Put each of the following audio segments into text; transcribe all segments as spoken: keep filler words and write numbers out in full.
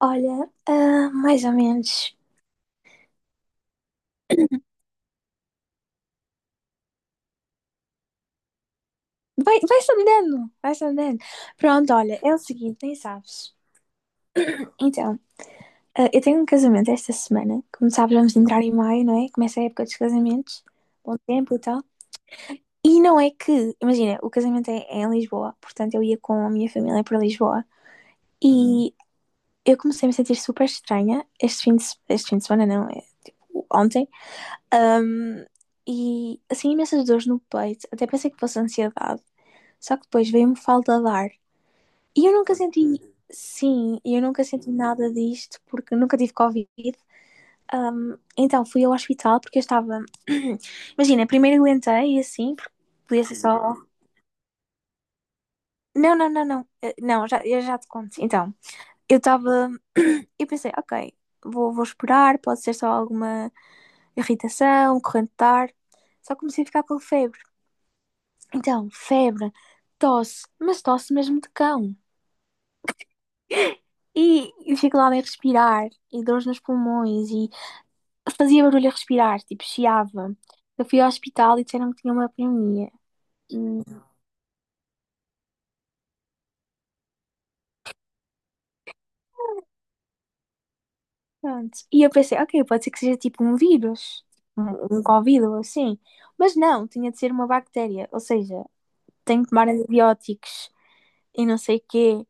Olha, ah, mais ou menos. Vai, vai-se vai-se Pronto, olha, é o seguinte, nem sabes. Então, ah, eu tenho um casamento esta semana. Como sabes, vamos entrar em maio, não é? Começa a época dos casamentos, bom tempo e tal. E não é que, imagina, o casamento é, é em Lisboa, portanto eu ia com a minha família para Lisboa. E eu comecei a me sentir super estranha este fim de, se- este fim de semana, não, é tipo ontem. E assim, imensas dores no peito. Até pensei que fosse ansiedade. Só que depois veio-me falta de ar. E eu nunca senti, sim, e eu nunca senti nada disto porque nunca tive Covid. Um, então fui ao hospital porque eu estava. Imagina, primeiro aguentei e assim, porque podia ser só. Não, não, não, não. Eh, Não, já, eu já te conto. Então, eu estava. Eu pensei, ok, vou, vou esperar, pode ser só alguma irritação, corrente de ar. Só comecei a ficar com febre. Então, febre, tosse, mas tosse mesmo de cão. E dificuldade em respirar, e dores nos pulmões, e fazia barulho a respirar, tipo, chiava. Eu fui ao hospital e disseram que tinha uma pneumonia. E pronto. E eu pensei, ok, pode ser que seja tipo um vírus, um, um Covid ou assim. Mas não, tinha de ser uma bactéria. Ou seja, tenho que tomar antibióticos e não sei o quê.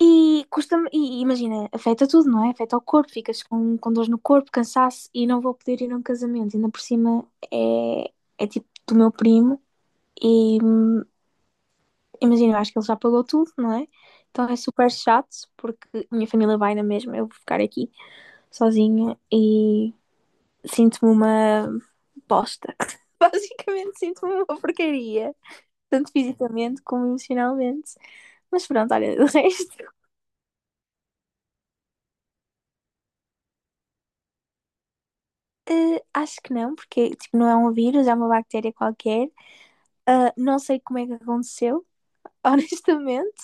E custa-me, e imagina, afeta tudo, não é? Afeta o corpo, ficas com, com dores no corpo, cansaço e não vou poder ir a um casamento. Ainda por cima é, é tipo do meu primo. E imagina, eu acho que ele já pagou tudo, não é? Então é super chato, porque a minha família vai na mesma, eu vou ficar aqui sozinha e sinto-me uma bosta. Basicamente sinto-me uma porcaria, tanto fisicamente como emocionalmente. Mas pronto, olha, do resto, eh, acho que não, porque tipo, não é um vírus, é uma bactéria qualquer. Ah, não sei como é que aconteceu, honestamente.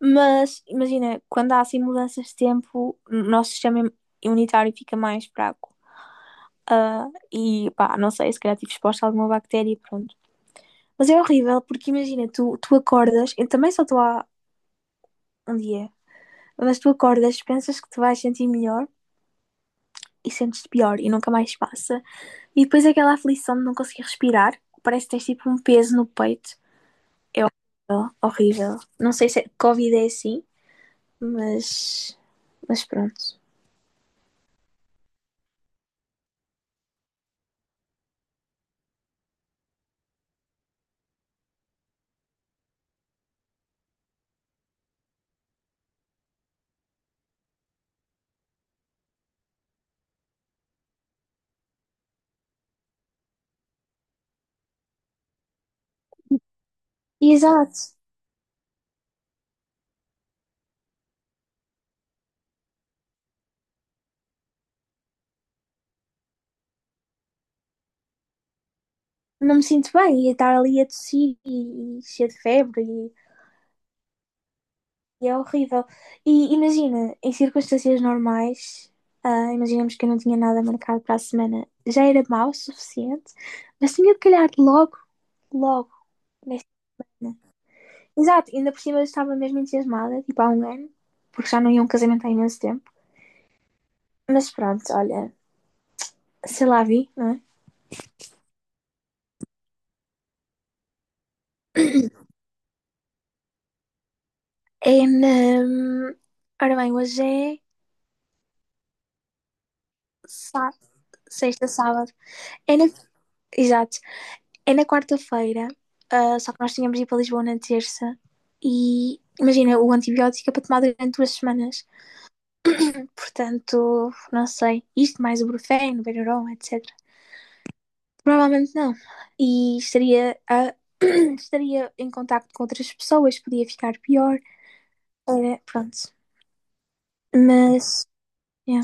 Mas imagina, quando há assim mudanças de tempo, o nosso sistema imunitário fica mais fraco. Ah, e pá, não sei, se calhar tive exposta a alguma bactéria e pronto. Mas é horrível, porque imagina, tu, tu acordas, eu também só estou há um dia, mas tu acordas, pensas que te vais sentir melhor e sentes-te pior e nunca mais passa. E depois aquela aflição de não conseguir respirar, parece que tens tipo um peso no peito. É horrível, horrível. Não sei se é, Covid é assim, mas, mas pronto. E exato, não me sinto bem, e estar ali a tossir e, e cheia de febre e. E é horrível. E imagina, em circunstâncias normais, ah, imaginemos que eu não tinha nada marcado para a semana, já era mau o suficiente, mas tinha de calhar logo, logo, nesta semana. Exato, ainda por cima eu estava mesmo entusiasmada, tipo há um ano, porque já não ia a um casamento há imenso tempo. Mas pronto, olha, sei lá, vi, não é? É na. Ora bem, hoje é sá- sexta, sábado. É na. Exato. É na quarta-feira, ah, só que nós tínhamos ido para Lisboa na terça e imagina, o antibiótico é para tomar durante duas semanas. Portanto, não sei, isto mais o Brufen, o Benuron, etcetera. Provavelmente não. E estaria, a- Estaria em contacto com outras pessoas, podia ficar pior. Era- pronto. Mas. Yeah.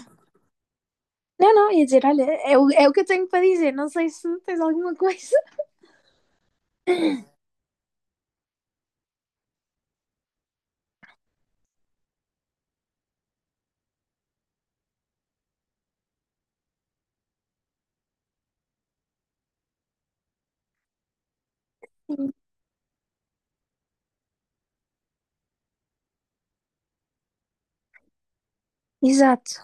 Não, não, ia dizer, olha, é o, é o que eu tenho para dizer, não sei se tens alguma coisa. Exato.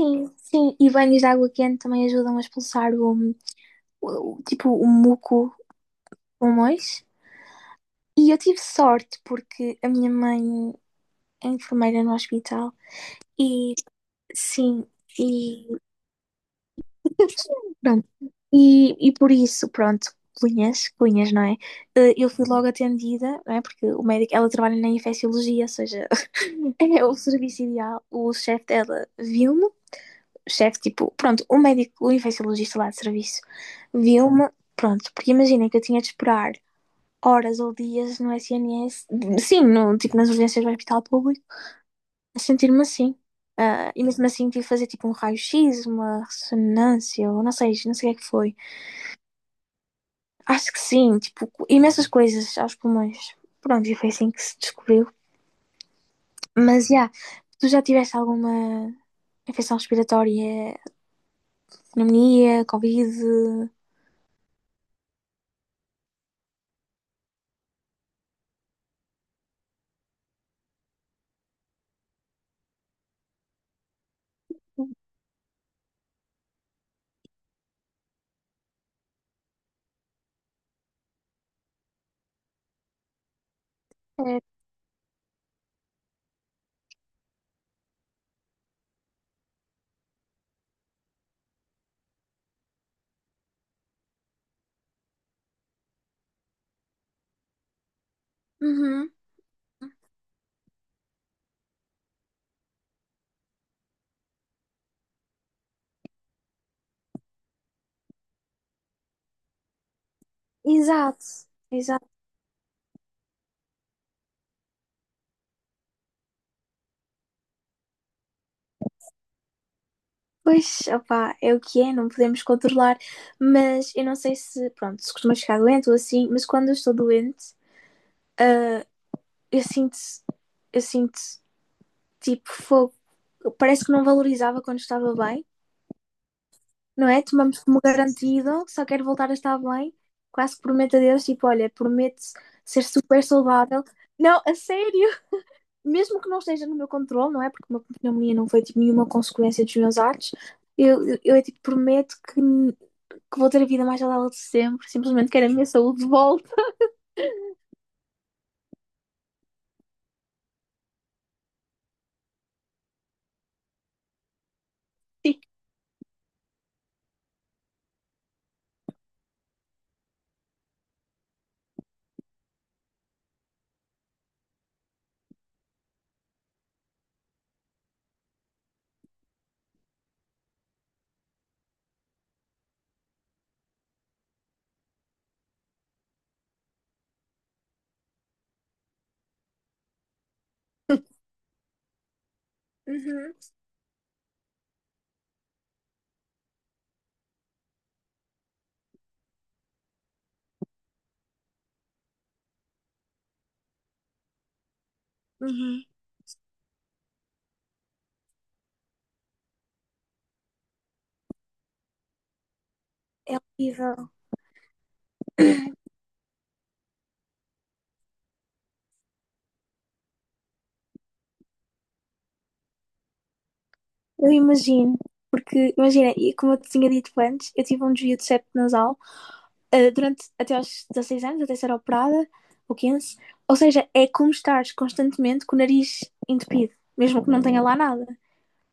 Sim, sim, e banhos de água quente também ajudam a expulsar o, o- o- tipo o muco do pulmões. E eu tive sorte porque a minha mãe é enfermeira no hospital e sim, e pronto. E, e por isso, pronto, cunhas, cunhas, não é? Eh, Eu fui logo atendida, não é? Porque o médico, ela trabalha na infecciologia, ou seja, é o serviço ideal. O chefe dela viu-me chefe, tipo, pronto, o médico, o infectologista lá de serviço, viu-me, pronto, porque imaginem que eu tinha de esperar horas ou dias no S N S, sim, no, tipo, nas urgências do hospital público, a sentir-me assim. Ah, e mesmo assim tive de fazer tipo um raio-x, uma ressonância, ou não sei, não sei o que é que foi. Acho que sim, tipo, imensas coisas aos pulmões. Pronto, e foi assim que se descobriu. Mas, já, yeah, tu já tiveste alguma infecção respiratória, pneumonia, covid? É, uhum. Exato, exato. Pois, opá, é o que é, não podemos controlar. Mas eu não sei se, pronto, se costuma ficar doente ou assim, mas quando eu estou doente, eu sinto, eu sinto tipo fogo. Parece que não valorizava quando estava bem, não é? Tomamos como garantido, só quero voltar a estar bem. Quase que prometo a Deus, tipo, olha, prometo ser super saudável. Não, a sério, mesmo que não esteja no meu controle, não é? Porque uma pneumonia não foi tipo, nenhuma consequência dos meus atos. Eu, eu, eu é tipo, prometo que que vou ter a vida mais saudável de sempre. Simplesmente quero a minha saúde de volta. E. Uhum, uhum. É horrível. Eu imagino. Porque, imagina, e como eu te tinha dito antes, eu tive um desvio de septo nasal. Ah, durante até aos dezasseis anos, até ser operada, ou quinze. Ou seja, é como estares constantemente com o nariz entupido, mesmo que não tenha lá nada.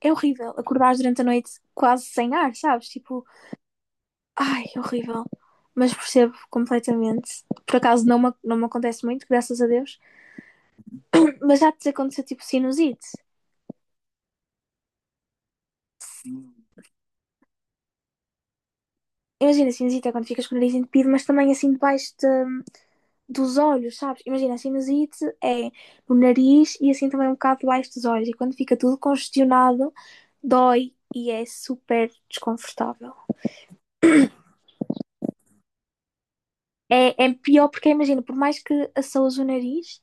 É horrível acordares durante a noite quase sem ar, sabes? Tipo, ai, é horrível. Mas percebo completamente. Por acaso não me, não me acontece muito, graças a Deus. Mas já te aconteceu tipo sinusite. Imagina, sinusite é quando ficas com o nariz entupido, mas também assim debaixo da dos olhos, sabes? Imagina, a sinusite é no nariz e assim também um bocado debaixo dos olhos. E quando fica tudo congestionado, dói e é super desconfortável. É, é pior porque, imagina, por mais que assoas o nariz,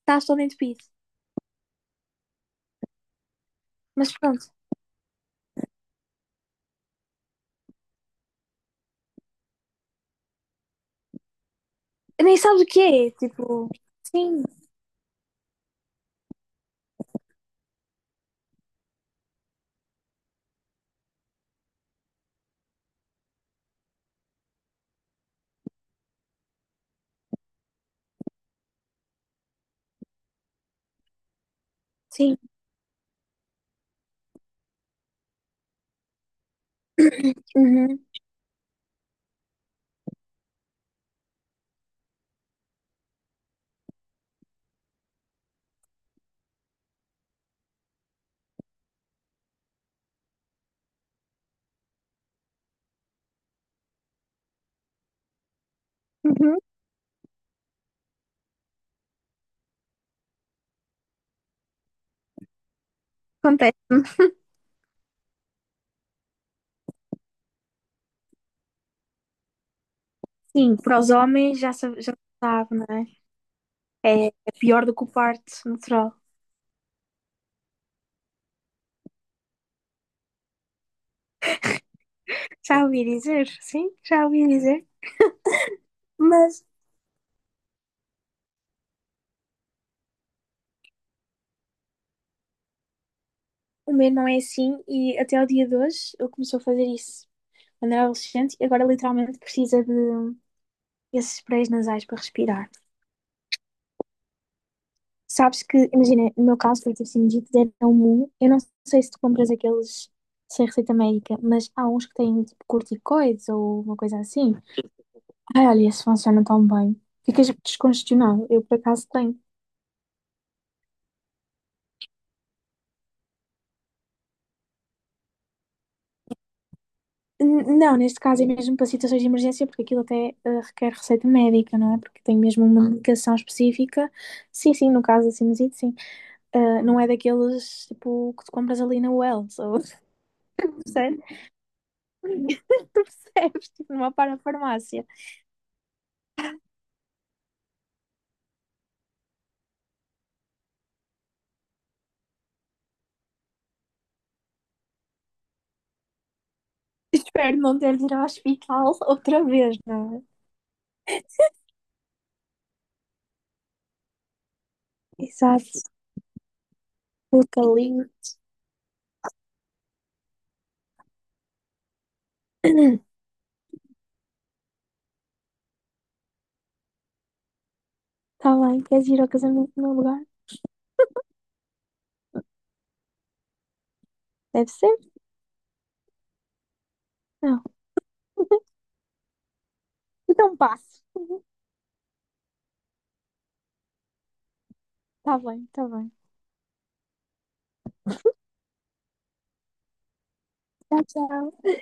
estás todo entupido. Mas pronto, nem sabes o que é. Tipo, sim, sim. Uhum, uhum. Acontece-me. Sim, para os homens já sabe, já sabe, não é? É é pior do que o parto natural. Já ouvi dizer, sim, já ouvi dizer. Mas o meu não é assim e até ao dia de hoje ele começou a fazer isso quando era adolescente e agora literalmente precisa de esses sprays nasais para respirar. Sabes que, imagina, no meu caso foi tipo sinusite, deram um. Eu não sei se tu compras aqueles sem receita médica, mas há uns que têm tipo corticoides ou uma coisa assim. Ai, olha, esses funcionam tão bem. Ficas descongestionado. Eu por acaso tenho. N- Não, neste caso é mesmo para situações de emergência, porque aquilo até eh, requer receita médica, não é? Porque tem mesmo uma medicação específica. Sim, sim, no caso da sinusite, sim. Eh, não é daqueles, tipo, que tu compras ali na Wells, ou percebes? Tu percebes, tipo, numa parafarmácia. Espero não ter de ir ao hospital outra vez, não é? Exato, puta lindo. Tá bem, queres ir ao casamento no meu lugar? Deve ser? Não. Então passo. Tá bem, tá bem. Tchau, tchau.